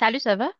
Salut, ça va?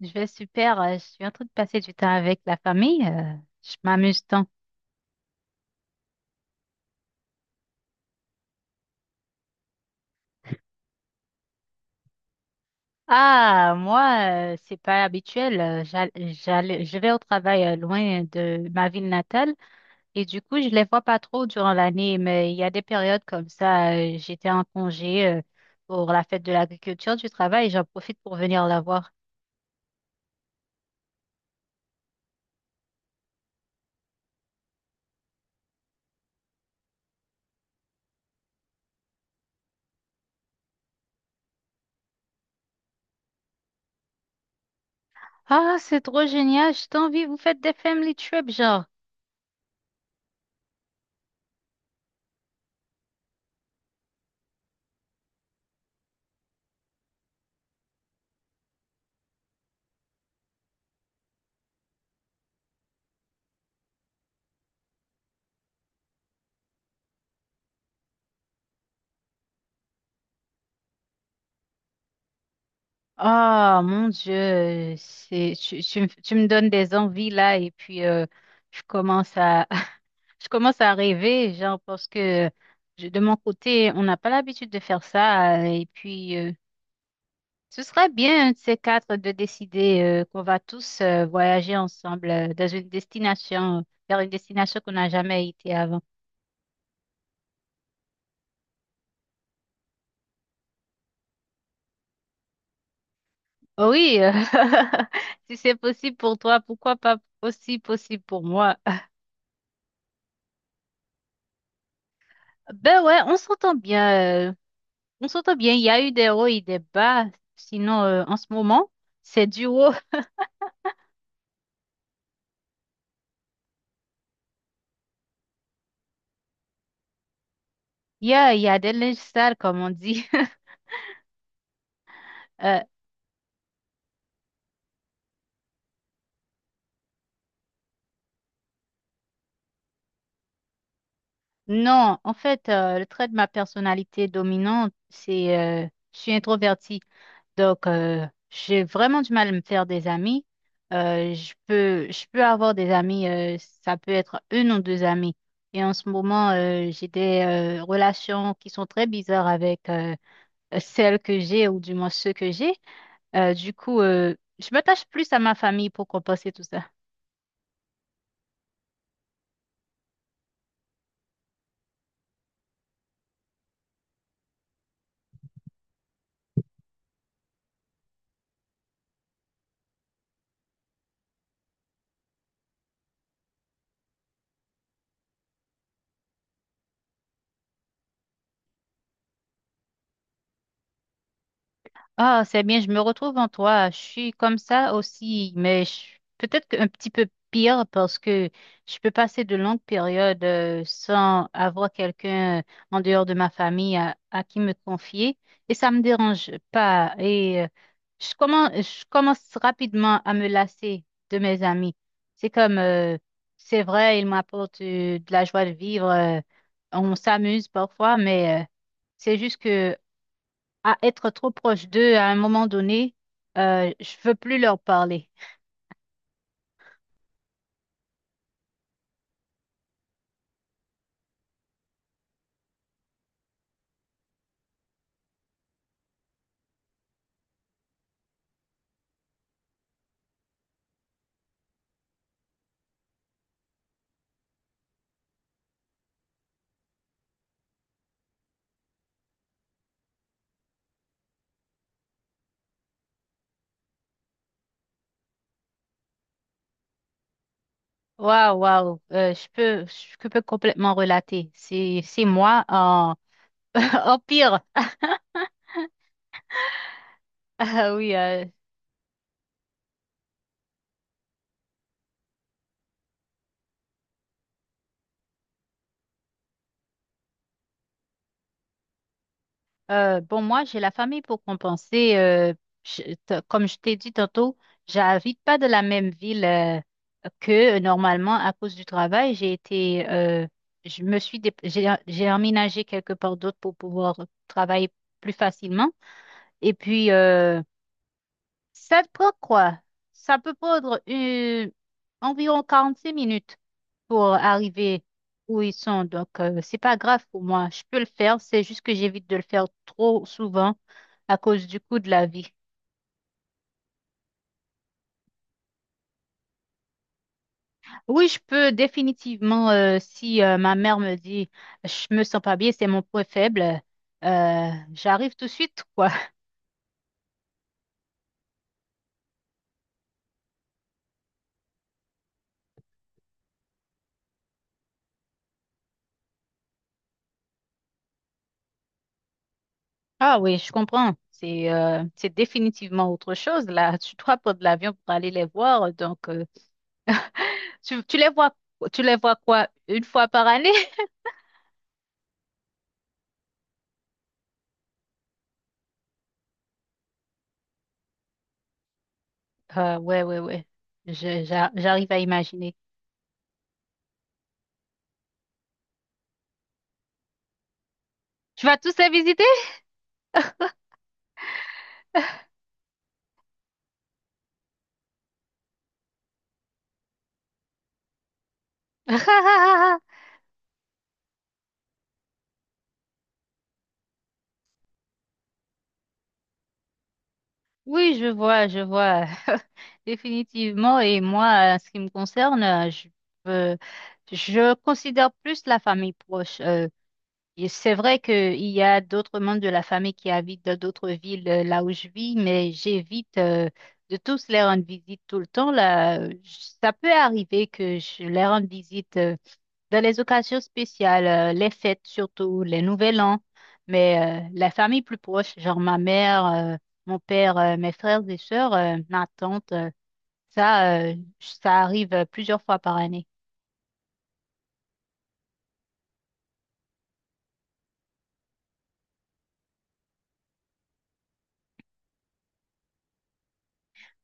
Je vais super. Je suis en train de passer du temps avec la famille. Je m'amuse tant. Ah, moi, c'est pas habituel. Je vais au travail loin de ma ville natale et du coup, je les vois pas trop durant l'année. Mais il y a des périodes comme ça. J'étais en congé pour la fête de l'agriculture du travail et j'en profite pour venir la voir. Ah, c'est trop génial. Je t'envie. Vous faites des family trips, genre. Ah, mon Dieu, c'est tu me donnes des envies là et puis je commence à je commence à rêver genre parce que de mon côté on n'a pas l'habitude de faire ça et puis ce serait bien un de ces quatre de décider qu'on va tous voyager ensemble dans une destination vers une destination qu'on n'a jamais été avant. Oh oui, si c'est possible pour toi, pourquoi pas aussi possible pour moi? Ben ouais, on s'entend bien. On s'entend bien, il y a eu des hauts et des bas. Sinon, en ce moment, c'est du haut. Il y a des linges sales, comme on dit. Euh, non, en fait, le trait de ma personnalité dominante, c'est je suis introvertie. Donc, j'ai vraiment du mal à me faire des amis. Je peux avoir des amis, ça peut être une ou deux amis. Et en ce moment, j'ai des relations qui sont très bizarres avec celles que j'ai ou du moins ceux que j'ai. Du coup, je m'attache plus à ma famille pour compenser tout ça. Ah, c'est bien, je me retrouve en toi. Je suis comme ça aussi, mais peut-être qu'un petit peu pire parce que je peux passer de longues périodes sans avoir quelqu'un en dehors de ma famille à qui me confier et ça me dérange pas. Et je commence rapidement à me lasser de mes amis. C'est comme, c'est vrai, ils m'apportent de la joie de vivre. On s'amuse parfois, mais c'est juste que à être trop proche d'eux à un moment donné, je veux plus leur parler. Waouh, waouh, je peux complètement relater. C'est moi en, en pire. Ah oui, bon, moi, j'ai la famille pour compenser. Comme je t'ai dit tantôt, j'habite pas de la même ville que normalement à cause du travail. Je me suis, j'ai emménagé quelque part d'autre pour pouvoir travailler plus facilement. Et puis, ça prend quoi? Ça peut prendre une environ 45 minutes pour arriver où ils sont. Donc, c'est pas grave pour moi. Je peux le faire. C'est juste que j'évite de le faire trop souvent à cause du coût de la vie. Oui, je peux définitivement, si ma mère me dit, je me sens pas bien, c'est mon point faible, j'arrive tout de suite, quoi. Ah oui, je comprends. C'est définitivement autre chose là. Tu dois prendre l'avion pour aller les voir, donc. Tu les vois, tu les vois quoi? Une fois par année? Ah, ouais, ouais, ouais. J'arrive à imaginer. Tu vas tous les visiter? Oui, je vois, je vois. Définitivement. Et moi, en ce qui me concerne, euh, je considère plus la famille proche. Et c'est vrai qu'il y a d'autres membres de la famille qui habitent dans d'autres villes là où je vis, mais j'évite de tous les rendre visite tout le temps. Là, ça peut arriver que je les rende visite. Dans les occasions spéciales, les fêtes surtout, les nouvel an, mais la famille plus proche, genre ma mère, mon père, mes frères et sœurs, ma tante, ça, ça arrive plusieurs fois par année.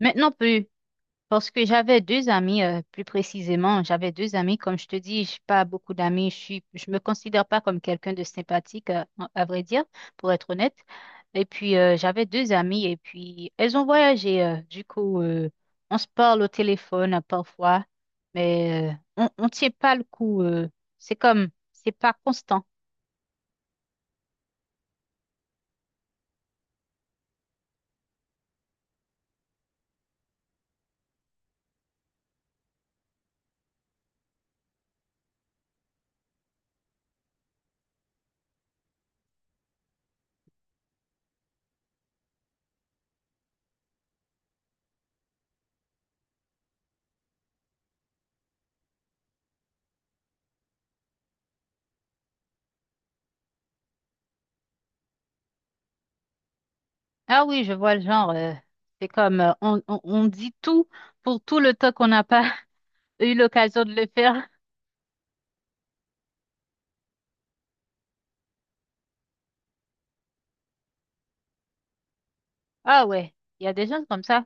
Maintenant plus, parce que j'avais deux amis, plus précisément, j'avais deux amis. Comme je te dis, je pas beaucoup d'amis. Je me considère pas comme quelqu'un de sympathique, à vrai dire, pour être honnête. Et puis, j'avais deux amies et puis elles ont voyagé. Du coup, on se parle au téléphone parfois, mais on ne tient pas le coup. C'est comme, c'est pas constant. Ah oui, je vois le genre. C'est comme, on dit tout pour tout le temps qu'on n'a pas eu l'occasion de le faire. Ah ouais, il y a des gens comme ça.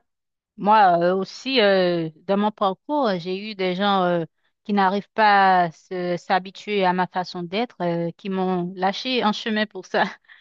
Moi aussi, dans mon parcours, j'ai eu des gens qui n'arrivent pas à s'habituer à ma façon d'être, qui m'ont lâché en chemin pour ça.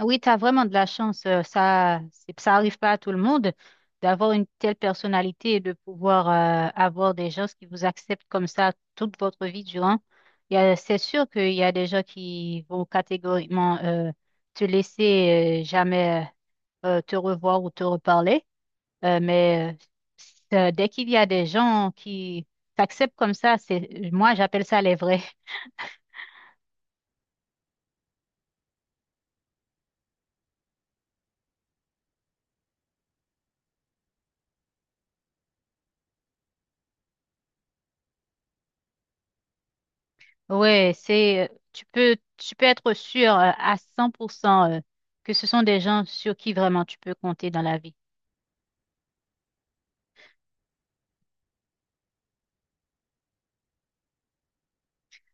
Oui, tu as vraiment de la chance. Ça, ça arrive pas à tout le monde d'avoir une telle personnalité et de pouvoir avoir des gens qui vous acceptent comme ça toute votre vie durant. C'est sûr qu'il y a des gens qui vont catégoriquement te laisser jamais te revoir ou te reparler. Mais dès qu'il y a des gens qui t'acceptent comme ça, moi, j'appelle ça les vrais. Ouais, tu peux être sûr à 100% que ce sont des gens sur qui vraiment tu peux compter dans la vie.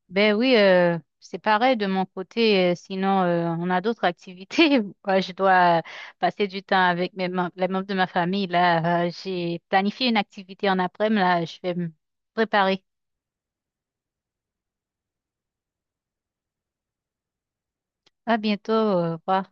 Ben oui, c'est pareil de mon côté. Sinon, on a d'autres activités. Moi, je dois passer du temps avec les membres de ma famille. Là, j'ai planifié une activité en après-midi. Là, je vais me préparer. À bientôt. Au revoir.